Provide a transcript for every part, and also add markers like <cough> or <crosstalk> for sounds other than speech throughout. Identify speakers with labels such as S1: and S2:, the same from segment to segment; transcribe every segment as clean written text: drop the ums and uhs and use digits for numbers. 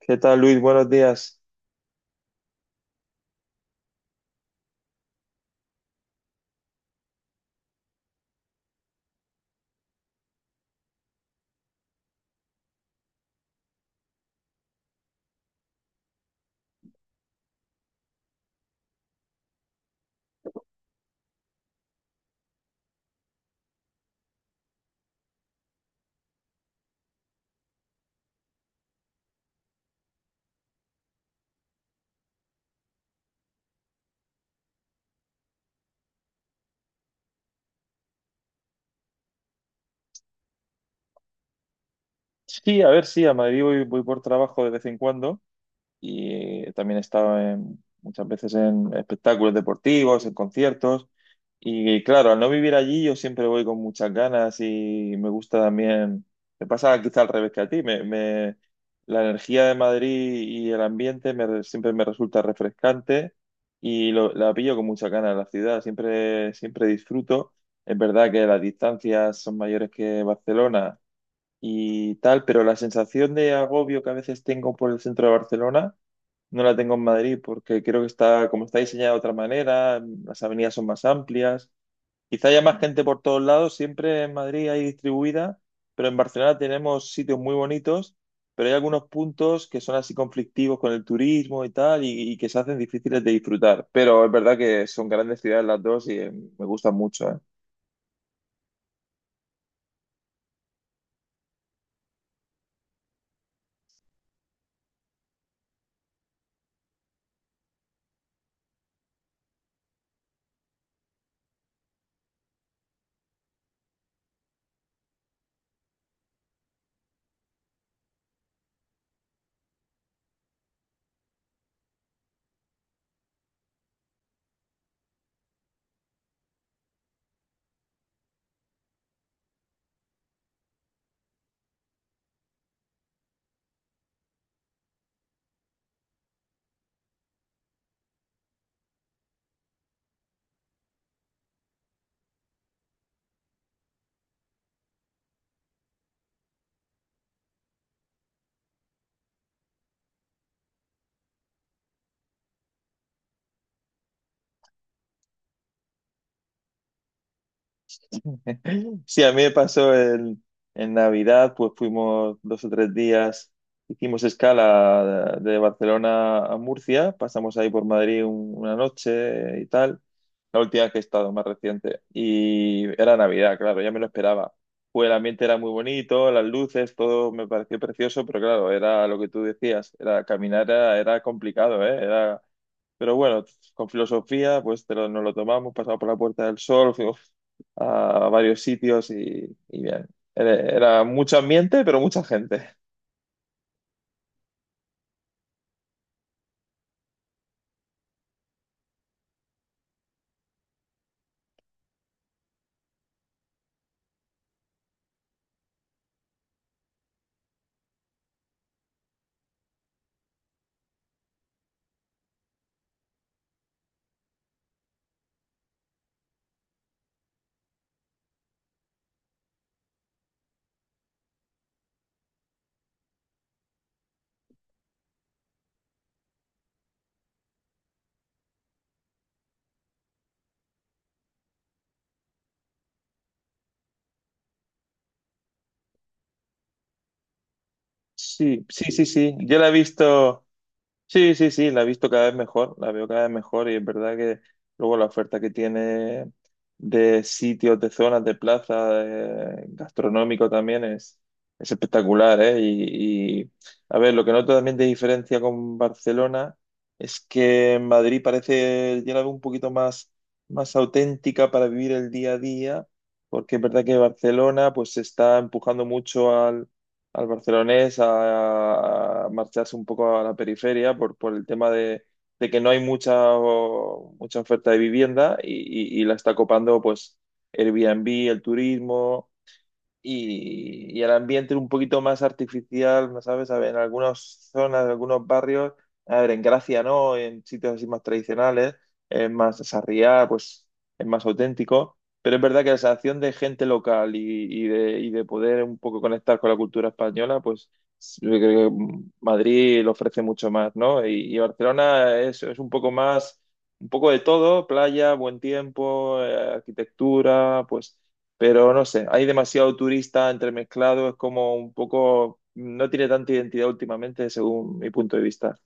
S1: ¿Qué tal, Luis? Buenos días. Sí, a ver, sí, a Madrid voy, voy por trabajo de vez en cuando y también he estado muchas veces en espectáculos deportivos, en conciertos y claro, al no vivir allí yo siempre voy con muchas ganas y me gusta también, me pasa quizá al revés que a ti, la energía de Madrid y el ambiente siempre me resulta refrescante y la pillo con muchas ganas la ciudad, siempre, siempre disfruto. Es verdad que las distancias son mayores que Barcelona y tal, pero la sensación de agobio que a veces tengo por el centro de Barcelona no la tengo en Madrid porque creo que está, como está diseñada de otra manera, las avenidas son más amplias, quizá haya más gente por todos lados, siempre en Madrid hay distribuida, pero en Barcelona tenemos sitios muy bonitos, pero hay algunos puntos que son así conflictivos con el turismo y tal y que se hacen difíciles de disfrutar, pero es verdad que son grandes ciudades las dos y me gustan mucho, ¿eh? Sí, a mí me pasó en Navidad, pues fuimos dos o tres días, hicimos escala de Barcelona a Murcia, pasamos ahí por Madrid una noche y tal, la última que he estado, más reciente, y era Navidad, claro, ya me lo esperaba. Pues el ambiente era muy bonito, las luces, todo me pareció precioso, pero claro, era lo que tú decías, era caminar era, era complicado, ¿eh? Era, pero bueno, con filosofía, pues nos lo tomamos, pasamos por la Puerta del Sol, <laughs> a varios sitios y bien. Era, era mucho ambiente, pero mucha gente. Sí, sí, sí, sí. Yo la he visto. Sí, sí, sí, la he visto cada vez mejor, la veo cada vez mejor y es verdad que luego la oferta que tiene de sitios, de zonas, de plaza, gastronómico también es espectacular, ¿eh? A ver, lo que noto también de diferencia con Barcelona es que en Madrid parece ya la veo un poquito más, más auténtica para vivir el día a día, porque es verdad que Barcelona pues se está empujando mucho al barcelonés a marcharse un poco a la periferia por el tema de que no hay mucha, mucha oferta de vivienda y y- la está copando pues Airbnb, el turismo y el ambiente un poquito más artificial, ¿no sabes? A ver, en algunas zonas, en algunos barrios, a ver, en Gracia no, en sitios así más tradicionales, es más sarriá, pues es más auténtico, pero es verdad que la sensación de gente local y de poder un poco conectar con la cultura española, pues yo creo que Madrid lo ofrece mucho más, ¿no? Y Barcelona es un poco más, un poco de todo, playa, buen tiempo, arquitectura, pues... Pero no sé, hay demasiado turista entremezclado, es como un poco, no tiene tanta identidad últimamente, según mi punto de vista.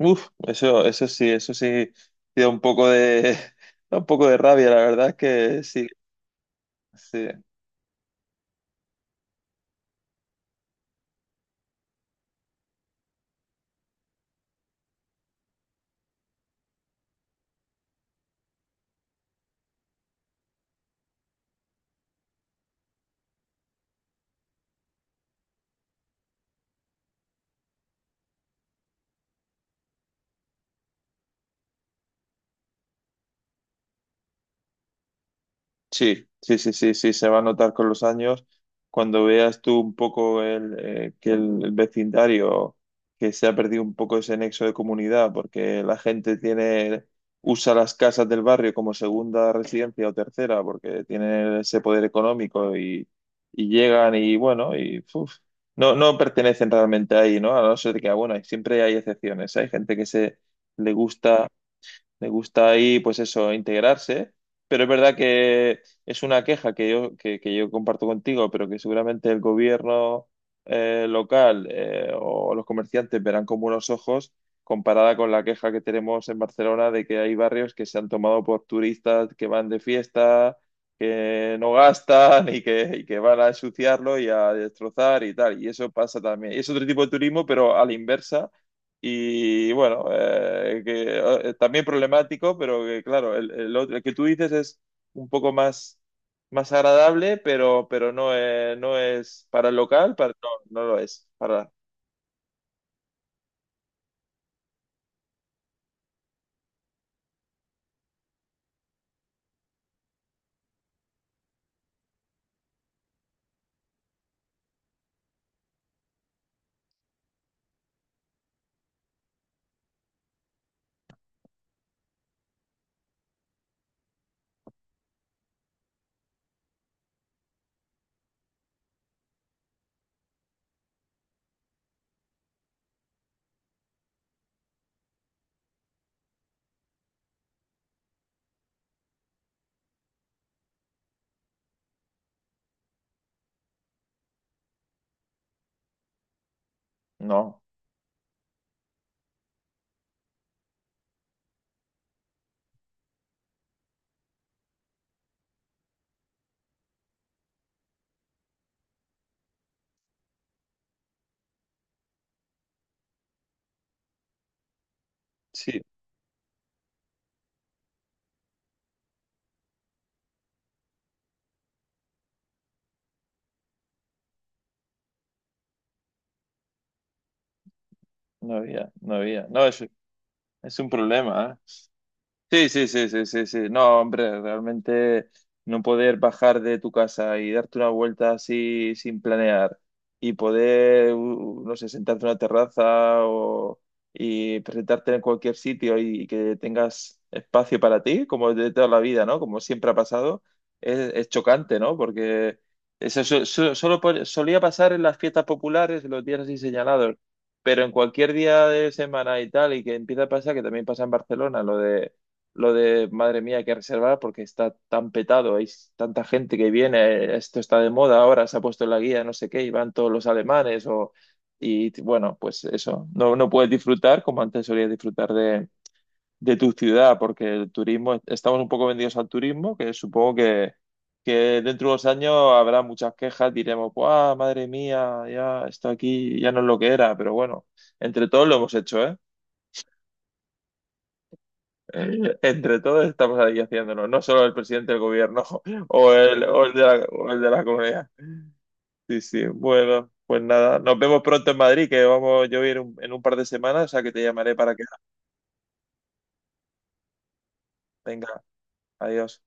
S1: Uf, eso, eso sí, sí da un poco de, <laughs> da un poco de rabia, la verdad es que sí, sí. Sí, sí, sí, sí, sí, se va a notar con los años. Cuando veas tú un poco el, que el vecindario, que se ha perdido un poco ese nexo de comunidad, porque la gente tiene, usa las casas del barrio como segunda residencia o tercera, porque tienen ese poder económico y llegan y bueno, y uf, no, no pertenecen realmente ahí, ¿no? A no ser que, ah, bueno, siempre hay excepciones. Hay gente que se le gusta me gusta ahí, pues eso, integrarse, pero es verdad que es una queja que yo, que yo comparto contigo, pero que seguramente el gobierno local o los comerciantes verán con buenos ojos comparada con la queja que tenemos en Barcelona de que hay barrios que se han tomado por turistas que van de fiesta, que no gastan y que van a ensuciarlo y a destrozar y tal. Y eso pasa también. Es otro tipo de turismo, pero a la inversa y bueno, también problemático, pero que claro, el, el que tú dices es un poco más, más agradable, pero no, no es para el local, para, no, no lo es. Para, no, sí, no había, no había. No, es un problema, ¿eh? Sí, sí, sí, sí, sí, sí. No, hombre, realmente no poder bajar de tu casa y darte una vuelta así sin planear y poder, no sé, sentarte en una terraza o, y presentarte en cualquier sitio y que tengas espacio para ti, como de toda la vida, ¿no? Como siempre ha pasado, es chocante, ¿no? Porque eso solo solía pasar en las fiestas populares, en los días así señalados, pero en cualquier día de semana y tal, y que empieza a pasar, que también pasa en Barcelona, lo de, madre mía, hay que reservar porque está tan petado, hay tanta gente que viene, esto está de moda ahora, se ha puesto en la guía, no sé qué, y van todos los alemanes, o, y bueno, pues eso, no, no puedes disfrutar como antes solías disfrutar de tu ciudad, porque el turismo, estamos un poco vendidos al turismo, que supongo que dentro de unos años habrá muchas quejas, diremos, ¡guau, madre mía, ya está aquí, ya no es lo que era! Pero bueno, entre todos lo hemos hecho, ¿eh? <laughs> Entre todos estamos ahí haciéndolo, no solo el presidente del gobierno <laughs> o el de la, o el de la comunidad. Sí, sí, bueno, pues nada, nos vemos pronto en Madrid, que vamos yo voy a ir en un par de semanas, o sea que te llamaré para que venga, adiós.